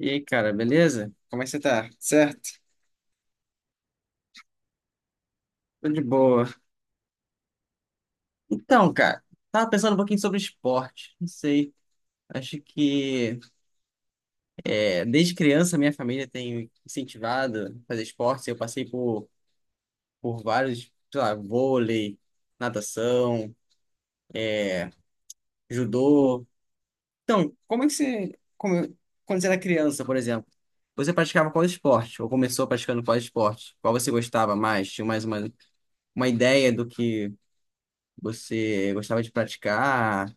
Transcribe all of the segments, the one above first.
E aí, cara, beleza? Como é que você tá? Certo? Tô de boa. Então, cara, tava pensando um pouquinho sobre esporte. Não sei. Acho que desde criança minha família tem incentivado a fazer esporte. Eu passei por vários, sei lá, vôlei, natação, judô. Então, como é que quando você era criança, por exemplo, você praticava qual esporte? Ou começou praticando qual esporte? Qual você gostava mais? Tinha mais uma ideia do que você gostava de praticar?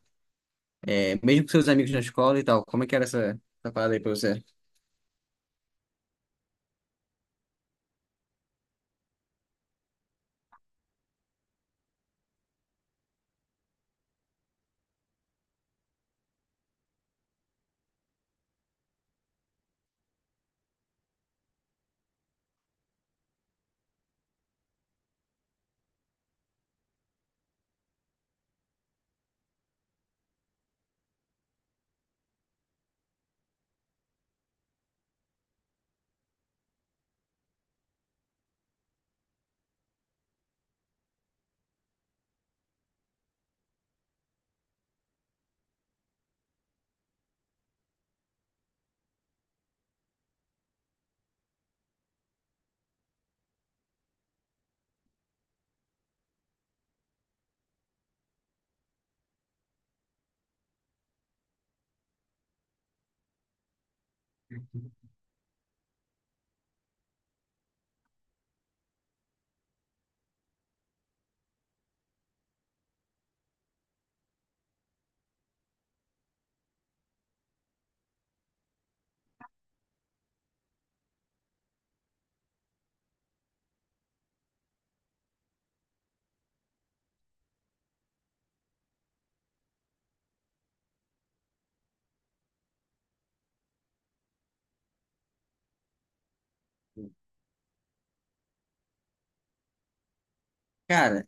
Mesmo com seus amigos na escola e tal, como é que era essa parada aí pra você? Cara,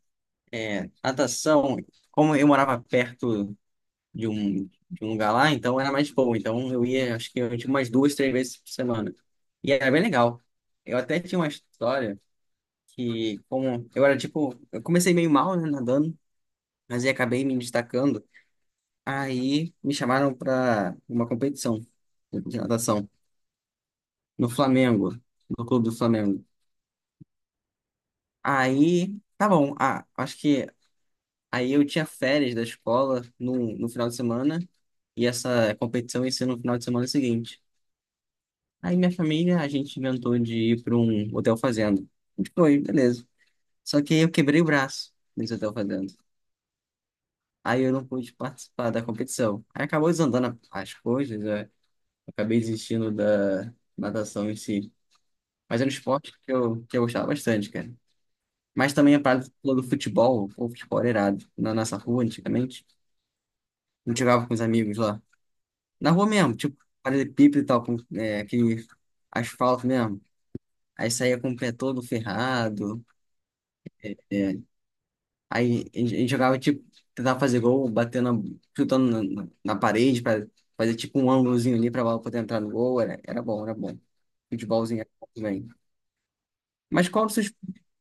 é, natação, como eu morava perto de um, de um lugar lá, então era mais boa. Então eu ia, acho que eu tinha umas duas, três vezes por semana. E era bem legal. Eu até tinha uma história que, como eu era tipo, eu comecei meio mal, né, nadando, mas aí acabei me destacando. Aí me chamaram pra uma competição de natação no Flamengo, no Clube do Flamengo. Aí, tá bom. Ah, acho que aí eu tinha férias da escola no final de semana e essa competição ia ser no final de semana seguinte. Aí minha família, a gente inventou de ir para um hotel fazenda. A gente foi, beleza. Só que aí eu quebrei o braço nesse hotel fazenda. Aí eu não pude participar da competição. Aí acabou desandando as coisas, né? Eu acabei desistindo da natação em si. Mas era um esporte que eu gostava bastante, cara. Mas também a parte do futebol, o futebol era irado. Na nossa rua, antigamente, a gente jogava com os amigos lá. Na rua mesmo, tipo, paralelepípedo e tal, com é, aquele asfalto mesmo. Aí saía com o pé todo ferrado. Aí a gente jogava, tipo, tentava fazer gol, batendo, chutando na parede pra fazer, tipo, um ângulozinho ali pra bola poder entrar no gol. Era bom, era bom. Futebolzinho era bom também. Mas qual dos seus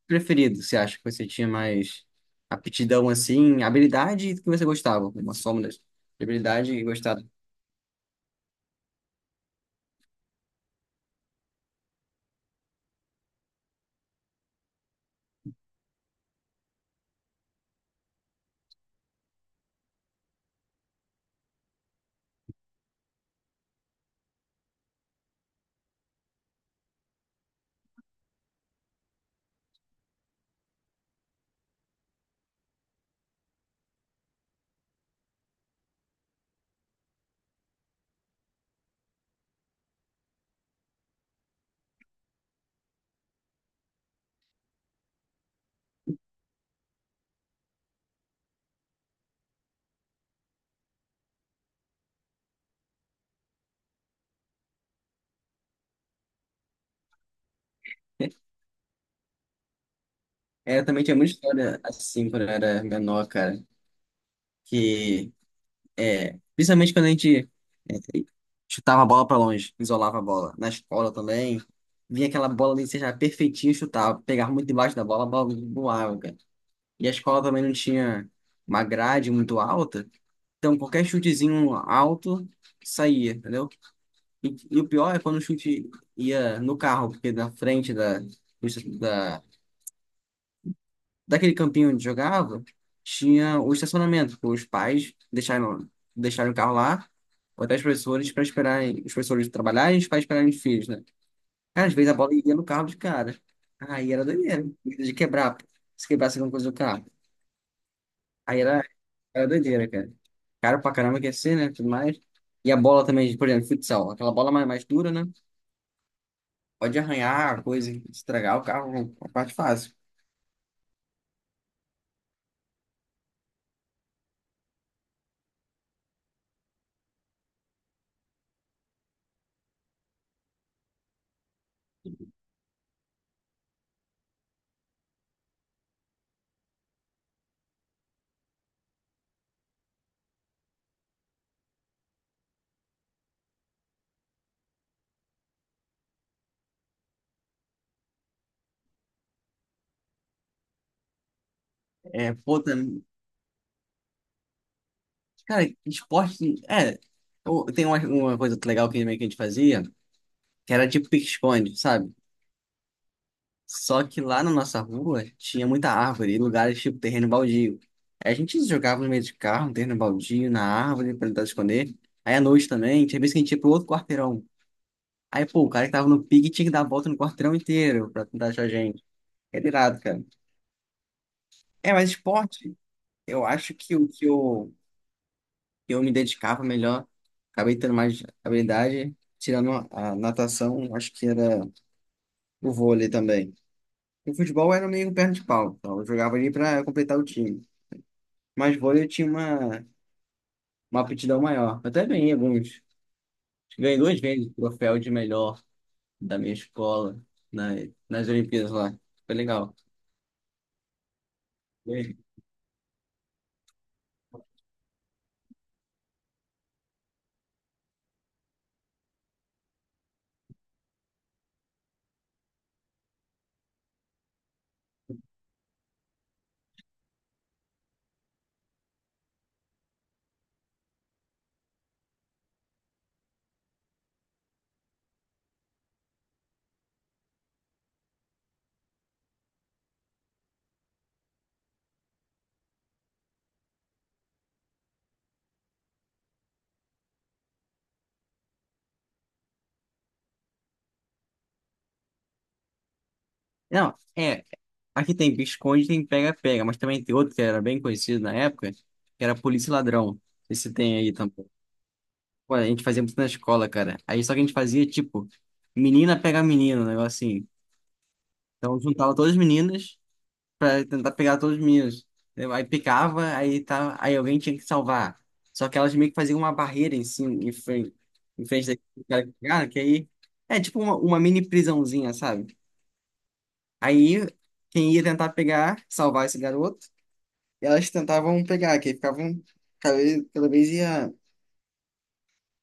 preferidos? Você acha que você tinha mais aptidão, assim, habilidade e que você gostava? Uma soma das de habilidade e gostava. É, eu também tinha muita história assim quando eu era menor, cara. Que É, principalmente quando a gente chutava a bola pra longe, isolava a bola. Na escola também, vinha aquela bola ali, seja perfeitinho, chutava, pegava muito debaixo da bola, a bola voava, cara. E a escola também não tinha uma grade muito alta, então qualquer chutezinho alto saía, entendeu? E o pior é quando o chute ia no carro, porque na frente daquele campinho onde jogava, tinha o estacionamento, que os pais deixaram o carro lá, ou até os professores para esperarem, os professores trabalharem e os pais esperarem os filhos, né? Cara, às vezes a bola ia no carro de cara. Aí era doideira, medo de quebrar, pô. Se quebrasse alguma coisa do carro. Aí era doideira, cara. Caro pra caramba que ia ser, né? Tudo mais. E a bola também, por exemplo, futsal, aquela bola mais dura, né? Pode arranhar a coisa, estragar o carro, a parte fácil. É, pô, cara, esporte. É. Tem uma coisa legal que meio que a gente fazia, que era tipo pique-esconde, sabe? Só que lá na nossa rua tinha muita árvore e lugares tipo terreno baldio. Aí a gente jogava no meio de carro, no terreno baldio, na árvore, pra tentar esconder. Aí à noite também, tinha vez que a gente ia pro outro quarteirão. Aí, pô, o cara que tava no pique tinha que dar a volta no quarteirão inteiro pra tentar achar a gente. É irado, cara. É, mas esporte, eu acho que o que eu me dedicava melhor, acabei tendo mais habilidade, tirando a natação, acho que era o vôlei também. O futebol era meio perna de pau, então eu jogava ali para completar o time. Mas vôlei eu tinha uma aptidão maior. Eu até ganhei alguns. Ganhei duas vezes o troféu de melhor da minha escola na, nas Olimpíadas lá. Foi legal. Ganhei. Não, é. Aqui tem pique-esconde, tem pega-pega, mas também tem outro que era bem conhecido na época, que era polícia e ladrão. Esse tem aí também. Pô, a gente fazia muito na escola, cara. Aí só que a gente fazia, tipo, menina pega menino, um negócio assim. Então juntava todas as meninas pra tentar pegar todos os meninos. Entendeu? Aí picava, aí, tá, aí alguém tinha que salvar. Só que elas meio que faziam uma barreira em cima, em frente daquele cara que pegava, que aí é tipo uma mini prisãozinha, sabe? Aí quem ia tentar pegar, salvar esse garoto, elas tentavam pegar, que aí ficavam, cada vez, cada vez ia,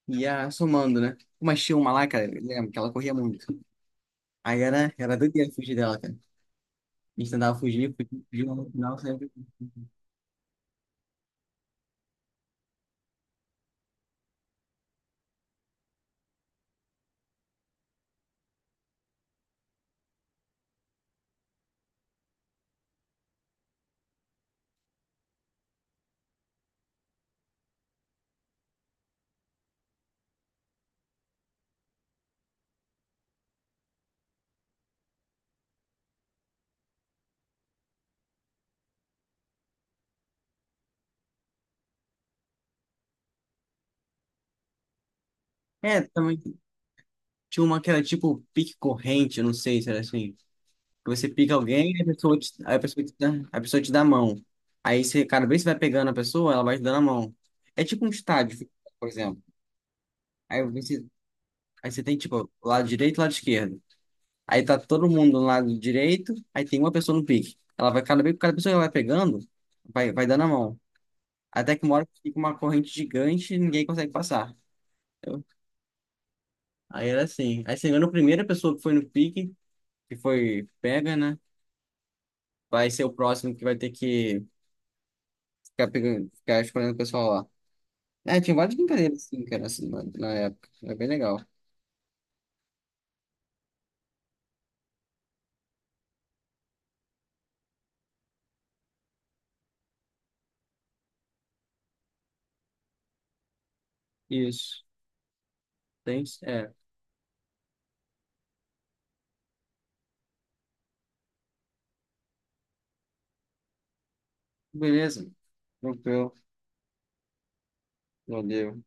ia somando, né? Uma tinha uma lá, cara, eu lembro que ela corria muito. Aí era doideira fugir dela, cara. A gente tentava fugir, fugir, fugir, mas no final sempre. É, também tinha uma que era tipo pique corrente, eu não sei se era assim. Que você pica alguém e aí a pessoa te dá a mão. Aí você, cada vez que você vai pegando a pessoa, ela vai te dando a mão. É tipo um estádio, por exemplo. Aí você, aí você tem tipo lado direito e lado esquerdo. Aí tá todo mundo no lado direito, aí tem uma pessoa no pique. Ela vai, cada vez que cada pessoa que ela vai pegando, vai dando a mão. Até que uma hora fica uma corrente gigante e ninguém consegue passar. Eu- Aí era assim. Aí, se não me engano, a primeira pessoa que foi no pique, que foi pega, né? Vai ser o próximo que vai ter que ficar pegando, ficar escolhendo o pessoal lá. É, tinha várias brincadeiras assim, cara, assim, na época. Era bem legal. Isso. Tem, é. Beleza. Tranquilo. Valeu.